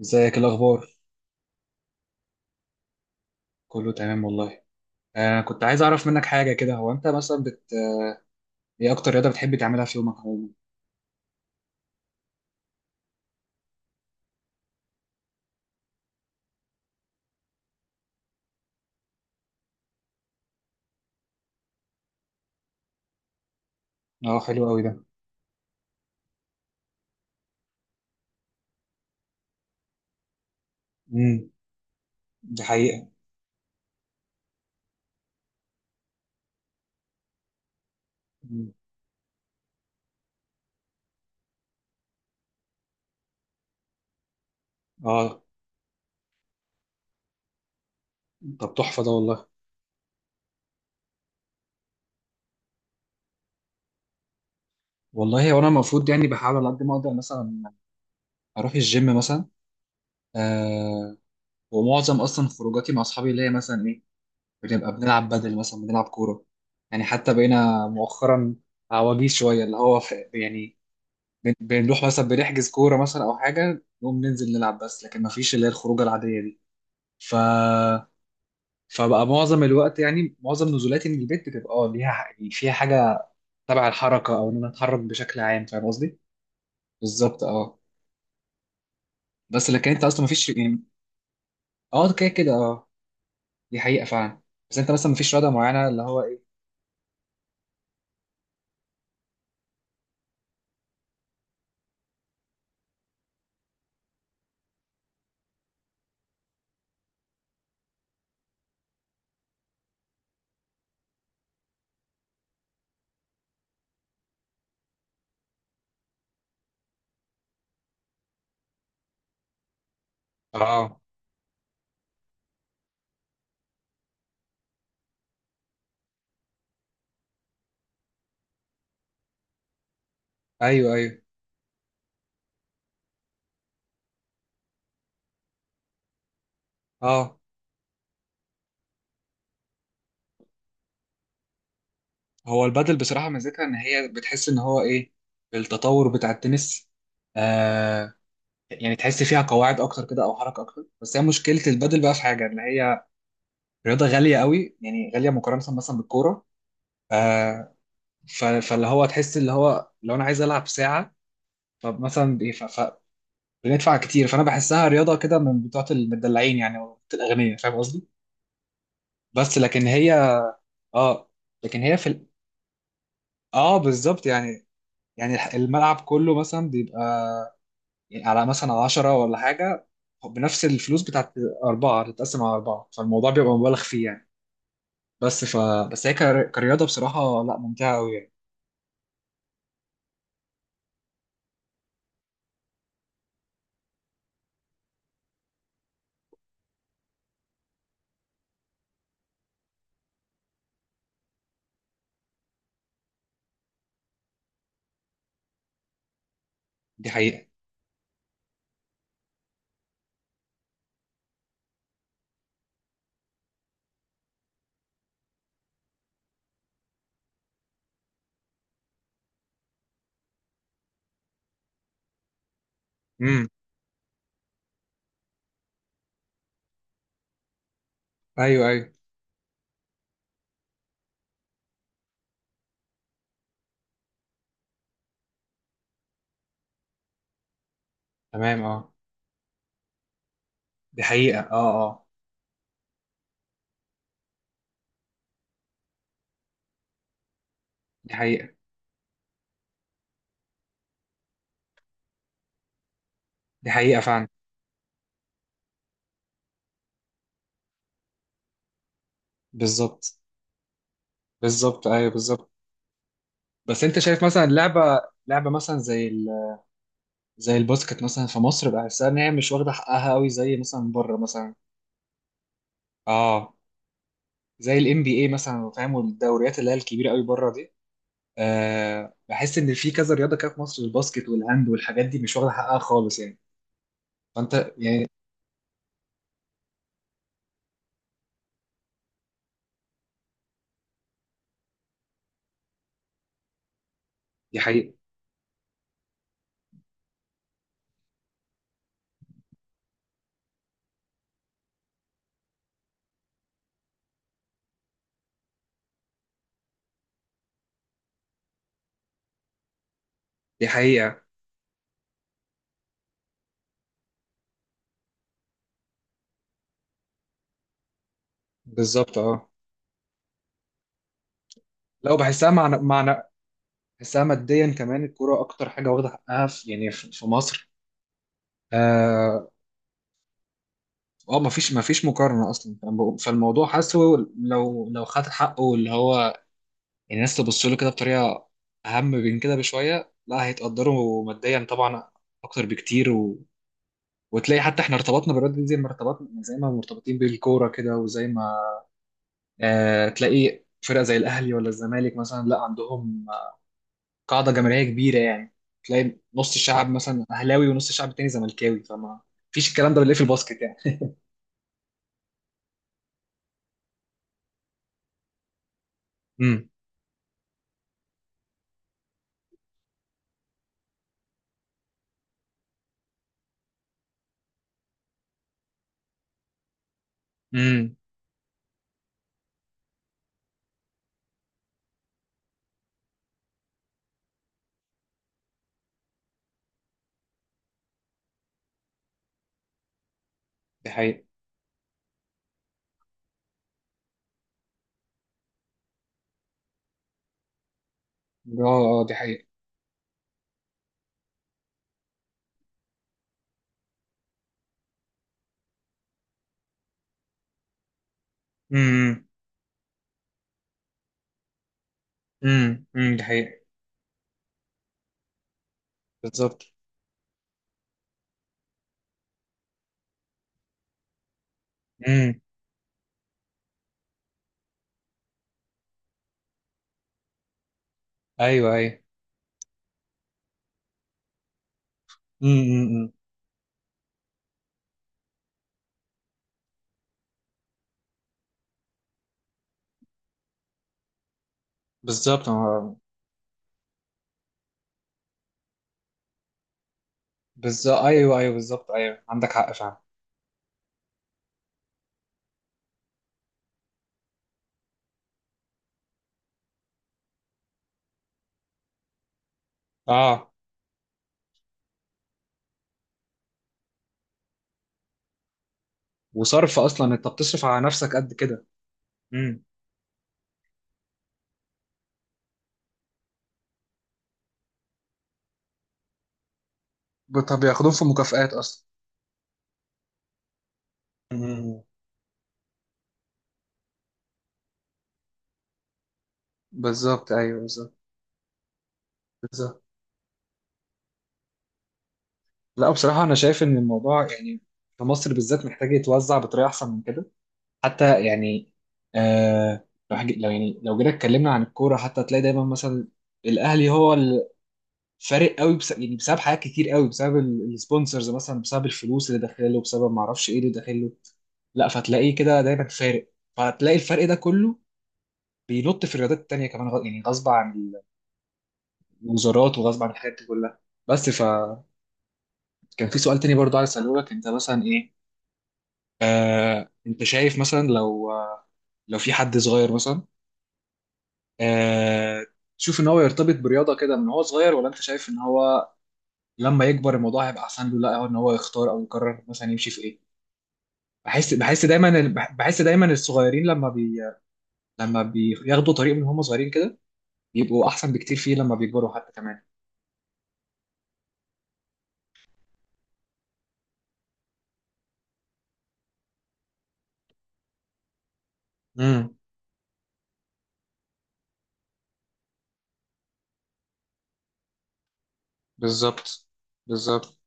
ازيك، إيه الاخبار؟ كله تمام والله. كنت عايز اعرف منك حاجه كده. هو انت مثلا ايه اكتر رياضه بتحب تعملها في يومك عموما؟ اه، حلو قوي ده. امم دي حقيقه. مم. اه، طب تحفه ده والله. والله هو انا المفروض يعني بحاول على قد ما اقدر مثلا اروح الجيم مثلا. آه ومعظم اصلا خروجاتي مع اصحابي اللي هي مثلا ايه، بنبقى بنلعب، بدل مثلا بنلعب كوره. يعني حتى بقينا مؤخرا عواجيز شويه، اللي هو في يعني بنروح مثلا بنحجز كورة مثلا أو حاجة نقوم ننزل نلعب. بس لكن مفيش اللي هي الخروجة العادية دي. ف فبقى معظم الوقت يعني معظم نزولاتي من البيت بتبقى اه ليها يعني فيها حاجة تبع الحركة أو إن أنا أتحرك بشكل عام، فاهم قصدي؟ بالظبط اه. بس لكن أنت أصلا مفيش يعني اه كده كده اه. دي حقيقة فعلا. بس أنت مثلا مفيش رياضة معينة اللي هو إيه؟ اه أيوه أيوه اه. هو البادل بصراحة ميزتها إن هي بتحس إن هو إيه، التطور بتاع التنس. آه، يعني تحس فيها قواعد اكتر كده او حركه اكتر. بس هي مشكله البادل بقى في حاجه ان هي رياضه غاليه قوي، يعني غاليه مقارنه مثلا بالكوره. آه ف- فاللي هو تحس اللي هو لو انا عايز العب ساعه، فمثلا بي- ف- ف- بندفع كتير. فانا بحسها رياضه كده من بتوعه المدلعين يعني أو بتوعة الاغنياء، فاهم قصدي. بس لكن هي اه لكن هي في ال... اه بالظبط يعني الملعب كله مثلا بيبقى يعني على مثلا 10 ولا حاجه، بنفس الفلوس بتاعت أربعة تتقسم على أربعة. فالموضوع بيبقى مبالغ فيه يعني. بس ف بس هي كرياضة بصراحة لا ممتعة أوي يعني. دي حقيقة. امم أيوه أيوه. تمام أه. دي حقيقة أه. أه دي حقيقة. دي حقيقة فعلا. بالظبط. بالظبط أيوه بالظبط. بس أنت شايف مثلا لعبة مثلا زي الباسكت مثلا في مصر، بحسها إن هي مش واخدة حقها أوي زي مثلا بره مثلا. أه زي ال NBA مثلا، فاهم، والدوريات اللي هي الكبيرة أوي بره دي. أه بحس إن في كذا رياضة كده في مصر، الباسكت والهاند والحاجات دي مش واخدة حقها خالص يعني. فأنت يعني. دي حقيقة. دي حقيقة. بالظبط اه. لو بحسها معنى، بحسها ماديا كمان، الكرة أكتر حاجة واخدة حقها في يعني في مصر. اه مفيش مقارنة أصلا. فالموضوع حاسه. لو خد حقه اللي هو، يعني الناس تبص له كده بطريقة أهم من كده بشوية، لا هيتقدروا ماديا طبعا أكتر بكتير و... وتلاقي حتى احنا ارتبطنا بالرياضة دي زي ما ارتبطنا، يعني زي ما مرتبطين بالكورة كده وزي ما آه تلاقي فرقة زي الأهلي ولا الزمالك مثلا لا عندهم قاعدة جماهيرية كبيرة يعني. تلاقي نص الشعب مثلا أهلاوي ونص الشعب التاني زملكاوي، فما فيش الكلام ده اللي في الباسكت يعني. امم امم دي حقيقة. اه اه دي حقيقة. امم دي حقيقة. بالظبط امم ايوه ايوه امم امم بالظبط. آه، بالظبط ايوه ايوه بالظبط ايوه عندك حق فعلا. اه وصرف اصلا انت بتصرف على نفسك قد كده. امم طب بياخدوهم في مكافآت اصلا. امم بالظبط ايوه بالظبط بالظبط. لا بصراحة أنا شايف إن الموضوع يعني في مصر بالذات محتاج يتوزع بطريقة أحسن من كده حتى يعني. آه لو حاجة، لو يعني لو جينا اتكلمنا عن الكورة حتى هتلاقي دايما مثلا الأهلي هو الفارق قوي، بس يعني بسبب حاجات كتير قوي، بسبب السبونسرز مثلا، بسبب الفلوس اللي داخله، بسبب ما أعرفش إيه اللي داخله. لا فتلاقيه كده دايما فارق. فهتلاقي الفرق ده كله بينط في الرياضات التانية كمان، يعني غصب عن الوزارات وغصب عن الحاجات دي كلها. بس فكان في سؤال تاني برضه عايز أسأله لك. أنت مثلا إيه، انت شايف مثلا لو لو في حد صغير مثلا، آه، تشوف ان هو يرتبط برياضه كده من هو صغير، ولا انت شايف ان هو لما يكبر الموضوع هيبقى احسن له، لا هو ان هو يختار او يقرر مثلا يمشي في ايه. بحس دايما بحس دايما الصغيرين لما بياخدوا طريق من هم صغيرين كده، بيبقوا احسن بكتير فيه لما بيكبروا حتى كمان. امم بالظبط بالظبط.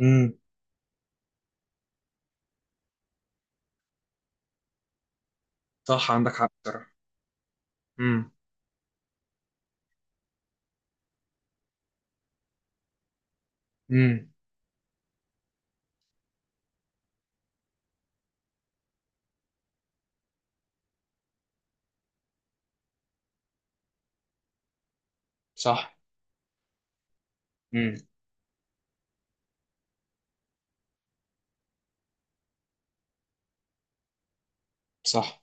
امم صح عندك حق بصراحه. امم امم صح امم صح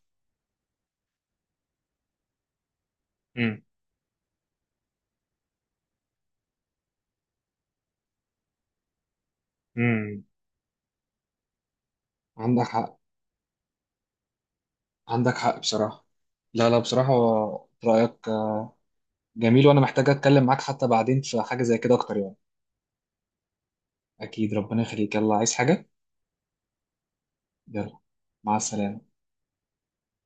امم امم. عندك حق. عندك حق بصراحة. لا لا بصراحة رأيك جميل، وأنا محتاج أتكلم معاك حتى بعدين في حاجة زي كده أكتر يعني. أكيد ربنا يخليك. يلا، عايز حاجة؟ يلا، مع السلامة.